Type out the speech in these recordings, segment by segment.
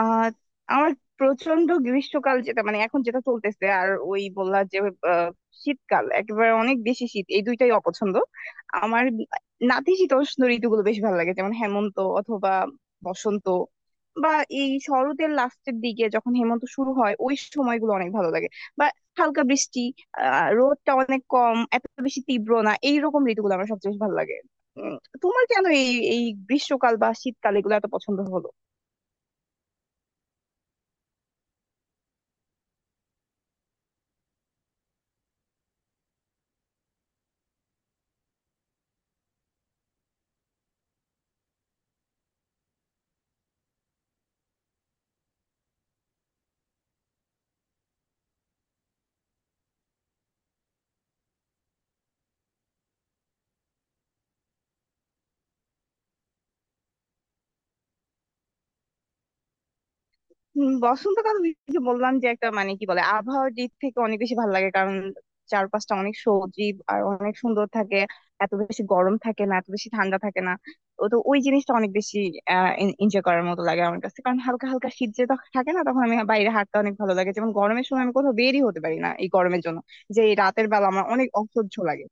আহ আমার প্রচন্ড গ্রীষ্মকাল যেটা মানে এখন যেটা চলতেছে, আর ওই বললা যে আহ, শীতকাল একেবারে অনেক বেশি শীত, এই দুইটাই অপছন্দ। আমার নাতিশীতোষ্ণ ঋতুগুলো বেশ ভালো লাগে, যেমন হেমন্ত অথবা বসন্ত, বা এই শরতের লাস্টের দিকে যখন হেমন্ত শুরু হয় ওই সময়গুলো অনেক ভালো লাগে, বা হালকা বৃষ্টি। রোদটা অনেক কম, এত বেশি তীব্র না, এইরকম ঋতুগুলো আমার সবচেয়ে বেশি ভালো লাগে। উম, তোমার কেন এই এই গ্রীষ্মকাল বা শীতকাল এগুলো এত পছন্দ হলো? বসন্তকাল ওই যে বললাম যে একটা মানে কি বলে আবহাওয়ার দিক থেকে অনেক বেশি ভালো লাগে, কারণ চারপাশটা অনেক সজীব আর অনেক সুন্দর থাকে। এত বেশি গরম থাকে না, এত বেশি ঠান্ডা থাকে না। ও তো ওই জিনিসটা অনেক বেশি এনজয় করার মতো লাগে আমার কাছে, কারণ হালকা হালকা শীত যে তখন থাকে না, তখন আমি বাইরে হাঁটতে অনেক ভালো লাগে। যেমন গরমের সময় আমি কোথাও বেরই হতে পারি না এই গরমের জন্য, যে এই রাতের বেলা আমার অনেক অসহ্য লাগে।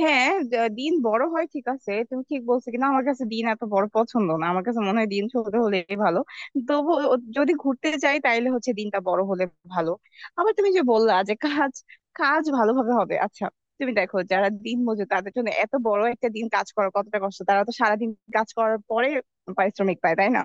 হ্যাঁ, দিন বড় হয় ঠিক আছে, তুমি ঠিক বলছো, কিন্তু আমার কাছে দিন এত বড় পছন্দ না, আমার কাছে মনে হয় দিন ছোট হলে ভালো। তবু যদি ঘুরতে যাই তাইলে হচ্ছে দিনটা বড় হলে ভালো। আবার তুমি যে বললা যে কাজ কাজ ভালোভাবে হবে, আচ্ছা তুমি দেখো যারা দিন মজুর তাদের জন্য এত বড় একটা দিন কাজ করা কতটা কষ্ট। তারা তো সারাদিন কাজ করার পরে পারিশ্রমিক পায় তাই না?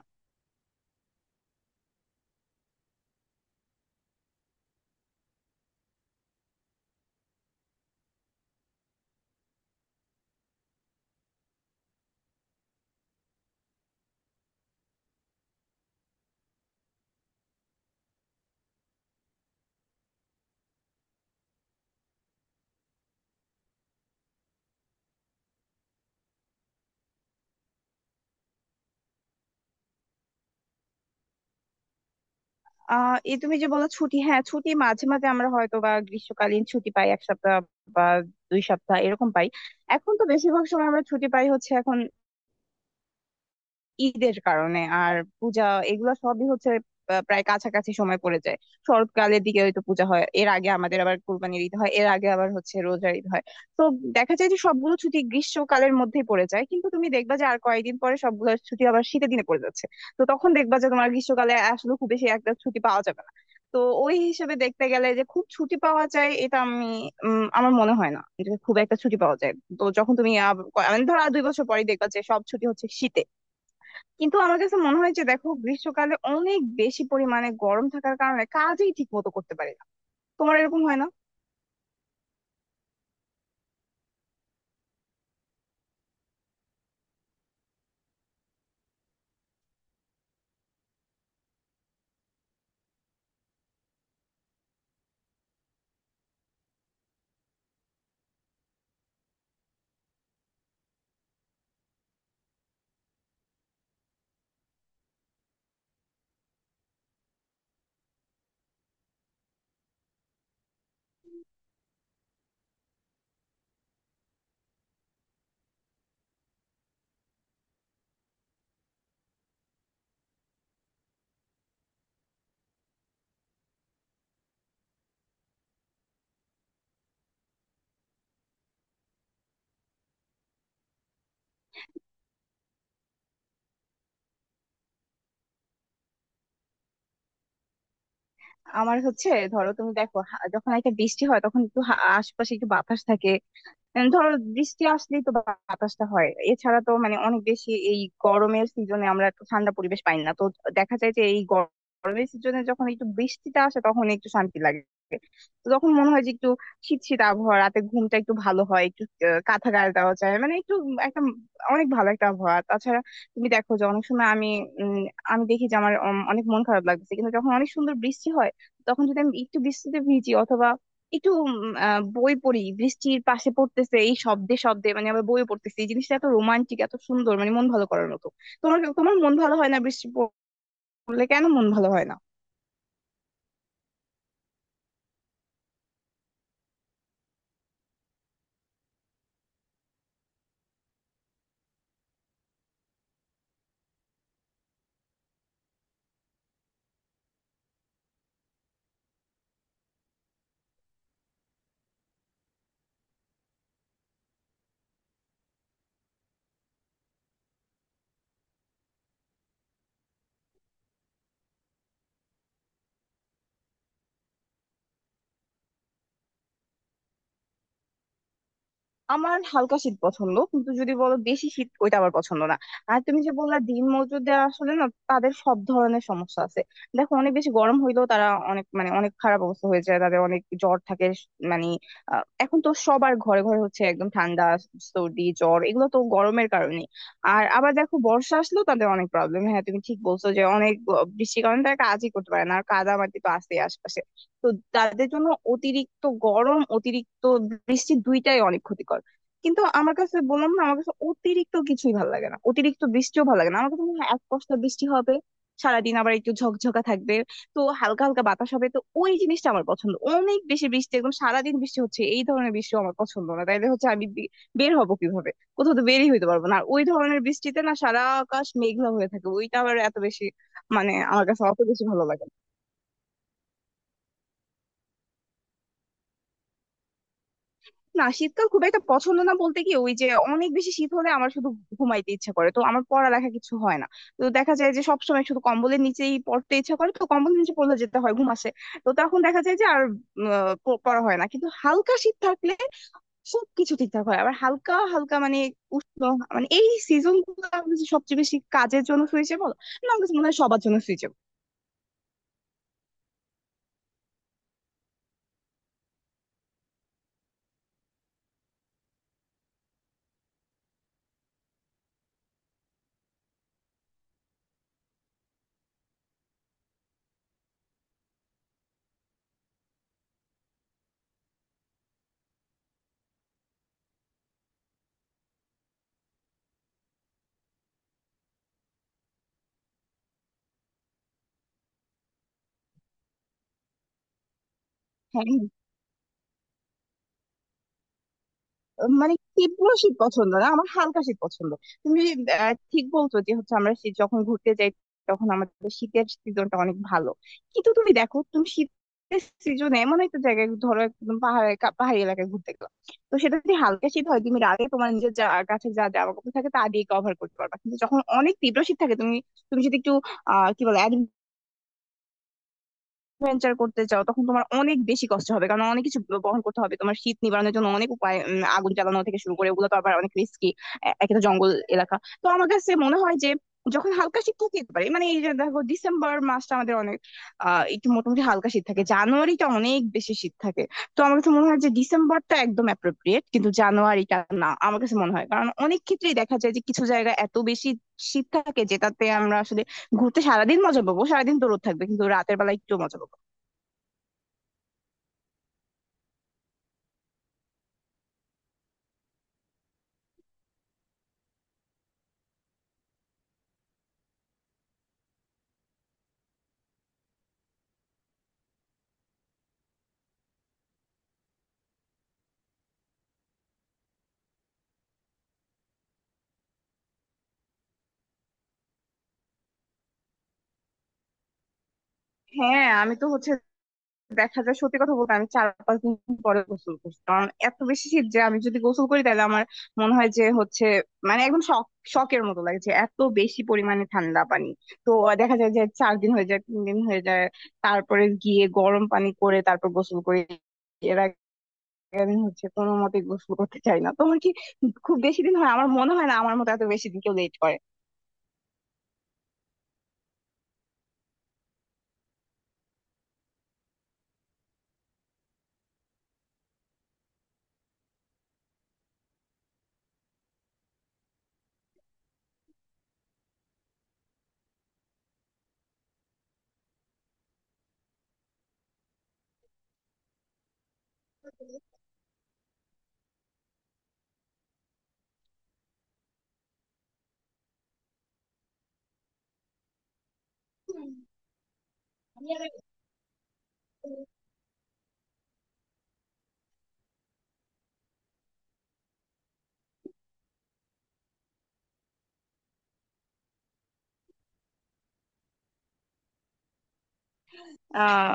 এই তুমি যে বলো ছুটি, হ্যাঁ ছুটি মাঝে মাঝে আমরা হয়তো বা গ্রীষ্মকালীন ছুটি পাই এক সপ্তাহ বা 2 সপ্তাহ এরকম পাই। এখন তো বেশিরভাগ সময় আমরা ছুটি পাই হচ্ছে এখন ঈদের কারণে আর পূজা, এগুলো সবই হচ্ছে প্রায় কাছাকাছি সময় পড়ে যায়। শরৎকালের দিকে হয়তো পূজা হয়, এর আগে আমাদের আবার কুরবানির ঈদ হয়, এর আগে আবার হচ্ছে রোজার ঈদ হয়। তো দেখা যায় যে সবগুলো ছুটি গ্রীষ্মকালের মধ্যেই পড়ে যায়, কিন্তু তুমি দেখবা যে আর কয়েকদিন পরে সবগুলো ছুটি আবার শীতের দিনে পড়ে যাচ্ছে। তো তখন দেখবা যে তোমার গ্রীষ্মকালে আসলে খুব বেশি একটা ছুটি পাওয়া যাবে না। তো ওই হিসেবে দেখতে গেলে যে খুব ছুটি পাওয়া যায় এটা আমি, আমার মনে হয় না এটা খুব একটা ছুটি পাওয়া যায়। তো যখন তুমি মানে ধরো আর 2 বছর পরে দেখবা যে সব ছুটি হচ্ছে শীতে। কিন্তু আমার কাছে মনে হয় যে দেখো গ্রীষ্মকালে অনেক বেশি পরিমাণে গরম থাকার কারণে কাজই ঠিক মতো করতে পারি না। তোমার এরকম হয় না? আমার হচ্ছে ধরো তুমি দেখো, যখন একটা বৃষ্টি হয় তখন একটু আশপাশে একটু বাতাস থাকে। ধরো বৃষ্টি আসলেই তো বাতাসটা হয়। এছাড়া তো মানে অনেক বেশি এই গরমের সিজনে আমরা একটু ঠান্ডা পরিবেশ পাই না তো। দেখা যায় যে এই গরমের সিজনে যখন একটু বৃষ্টিটা আসে তখন একটু শান্তি লাগে। তো তখন মনে হয় যে একটু শীত শীত আবহাওয়া, রাতে ঘুমটা একটু ভালো হয়, একটু কাঁথা গায়ে দেওয়া যায়, মানে একটু একটা অনেক ভালো একটা আবহাওয়া। তাছাড়া তুমি দেখো যে অনেক সময় আমি, উম, আমি দেখি যে আমার অনেক মন খারাপ লাগছে, কিন্তু যখন অনেক সুন্দর বৃষ্টি হয় তখন যদি আমি একটু বৃষ্টিতে ভিজি অথবা একটু বই পড়ি, বৃষ্টির পাশে পড়তেছে এই শব্দে শব্দে, মানে আবার বই পড়তেছে, এই জিনিসটা এত রোমান্টিক এত সুন্দর মানে মন ভালো করার মতো। তোমার তোমার মন ভালো হয় না বৃষ্টি পড়লে? কেন মন ভালো হয় না? আমার হালকা শীত পছন্দ, কিন্তু যদি বলো বেশি শীত ওইটা আমার পছন্দ না। আর তুমি যে বললা দিন মজুরদের, আসলে না, তাদের সব ধরনের সমস্যা আছে। দেখো অনেক বেশি গরম হইলেও তারা অনেক, মানে অনেক খারাপ অবস্থা হয়ে যায়, তাদের অনেক জ্বর থাকে। মানে এখন তো সবার ঘরে ঘরে হচ্ছে একদম ঠান্ডা সর্দি জ্বর, এগুলো তো গরমের কারণে। আর আবার দেখো বর্ষা আসলেও তাদের অনেক প্রবলেম, হ্যাঁ তুমি ঠিক বলছো যে অনেক বৃষ্টির কারণে তারা কাজই করতে পারে না, আর কাদামাটি তো আছেই আশপাশে। তো তাদের জন্য অতিরিক্ত গরম, অতিরিক্ত বৃষ্টি দুইটাই অনেক ক্ষতিকর। কিন্তু আমার কাছে, বললাম না, আমার কাছে অতিরিক্ত কিছুই ভালো লাগে না, অতিরিক্ত বৃষ্টিও ভালো লাগে না। আমার কাছে মনে হয় এক পশলা বৃষ্টি হবে, সারাদিন আবার একটু ঝকঝকা থাকবে, তো হালকা হালকা বাতাস হবে, তো ওই জিনিসটা আমার পছন্দ। অনেক বেশি বৃষ্টি, একদম সারাদিন বৃষ্টি হচ্ছে, এই ধরনের বৃষ্টি আমার পছন্দ না, তাইলে হচ্ছে আমি বের হবো কিভাবে? কোথাও তো বেরই হইতে পারবো না। আর ওই ধরনের বৃষ্টিতে না সারা আকাশ মেঘলা হয়ে থাকে, ওইটা আবার এত বেশি, মানে আমার কাছে অত বেশি ভালো লাগে না। না, শীতকাল খুব একটা পছন্দ না বলতে কি, ওই যে অনেক বেশি শীত হলে আমার শুধু ঘুমাইতে ইচ্ছা করে, তো আমার পড়ালেখা কিছু হয় না। তো দেখা যায় যে সবসময় শুধু কম্বলের নিচেই পড়তে ইচ্ছা করে, তো কম্বলের নিচে পড়লে যেতে হয় ঘুম আসে। তো তখন দেখা যায় যে আর পড়া হয় না। কিন্তু হালকা শীত থাকলে সবকিছু ঠিকঠাক হয়, আবার হালকা হালকা মানে উষ্ণ, মানে এই সিজন গুলো আমার কাছে সবচেয়ে বেশি কাজের জন্য সুইচেবল, না আমার কাছে মনে হয় সবার জন্য সুইচেবল। মানে তীব্র শীত পছন্দ না, আমার হালকা শীত পছন্দ। তুমি ঠিক বলছো যে হচ্ছে আমরা শীত যখন ঘুরতে যাই তখন আমাদের শীতের সিজনটা অনেক ভালো। কিন্তু তুমি দেখো, তুমি শীতের সিজনে এমন একটা জায়গায়, ধরো একদম পাহাড়ে পাহাড়ি এলাকায় ঘুরতে গেলাম, তো সেটা যদি হালকা শীত হয় তুমি রাতে তোমার নিজের যা কাছে যা জামা কাপড় থাকে তা দিয়ে কভার করতে পারবা। কিন্তু যখন অনেক তীব্র শীত থাকে, তুমি তুমি যদি একটু আহ কি বলে ভেঞ্চার করতে চাও তখন তোমার অনেক বেশি কষ্ট হবে, কারণ অনেক কিছু বহন করতে হবে তোমার শীত নিবারণের জন্য, অনেক উপায়, আগুন জ্বালানো থেকে শুরু করে, ওগুলো তো আবার অনেক রিস্কি, একটা জঙ্গল এলাকা। তো আমার কাছে মনে হয় যে যখন হালকা শীত থাকে যেতে পারে, মানে এই যে দেখো ডিসেম্বর মাসটা আমাদের অনেক একটু মোটামুটি হালকা শীত থাকে, জানুয়ারিটা অনেক বেশি শীত থাকে। তো আমার কাছে মনে হয় যে ডিসেম্বরটা একদম অ্যাপ্রোপ্রিয়েট, কিন্তু জানুয়ারিটা না আমার কাছে মনে হয়, কারণ অনেক ক্ষেত্রেই দেখা যায় যে কিছু জায়গায় এত বেশি শীত থাকে যেটাতে আমরা আসলে ঘুরতে সারাদিন মজা পাবো, সারাদিন তো রোদ থাকবে, কিন্তু রাতের বেলা একটু মজা পাবো না। হ্যাঁ, আমি তো হচ্ছে দেখা যায়, সত্যি কথা বলতে আমি 4-5 দিন পরে গোসল করছি, কারণ এত বেশি শীত যে আমি যদি গোসল করি তাহলে আমার মনে হয় যে হচ্ছে মানে একদম শক, শকের মতো লাগছে, এত বেশি পরিমাণে ঠান্ডা পানি। তো দেখা যায় যে 4 দিন হয়ে যায়, 3 দিন হয়ে যায়, তারপরে গিয়ে গরম পানি করে তারপর গোসল করি। এর আগে আমি হচ্ছে কোনো মতে গোসল করতে চাই না। তোমার কি খুব বেশি দিন হয়? আমার মনে হয় না আমার মতো এত বেশি দিন কেউ লেট করে। আহ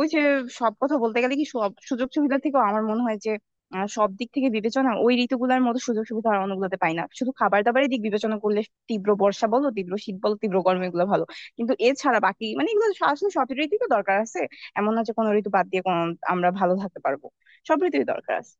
ওই যে সব কথা বলতে গেলে কি, সব সুযোগ সুবিধা থেকেও আমার মনে হয় যে সব দিক থেকে বিবেচনা ওই ঋতুগুলোর মতো সুযোগ সুবিধা আর অন্যগুলোতে পাই না। শুধু খাবার দাবারের দিক বিবেচনা করলে, তীব্র বর্ষা বলো, তীব্র শীত বলো, তীব্র গরম, এগুলো ভালো, কিন্তু এছাড়া বাকি মানে এগুলো আসলে সব ঋতুই তো দরকার আছে। এমন না যে কোনো ঋতু বাদ দিয়ে কোনো আমরা ভালো থাকতে পারবো, সব ঋতুই দরকার আছে।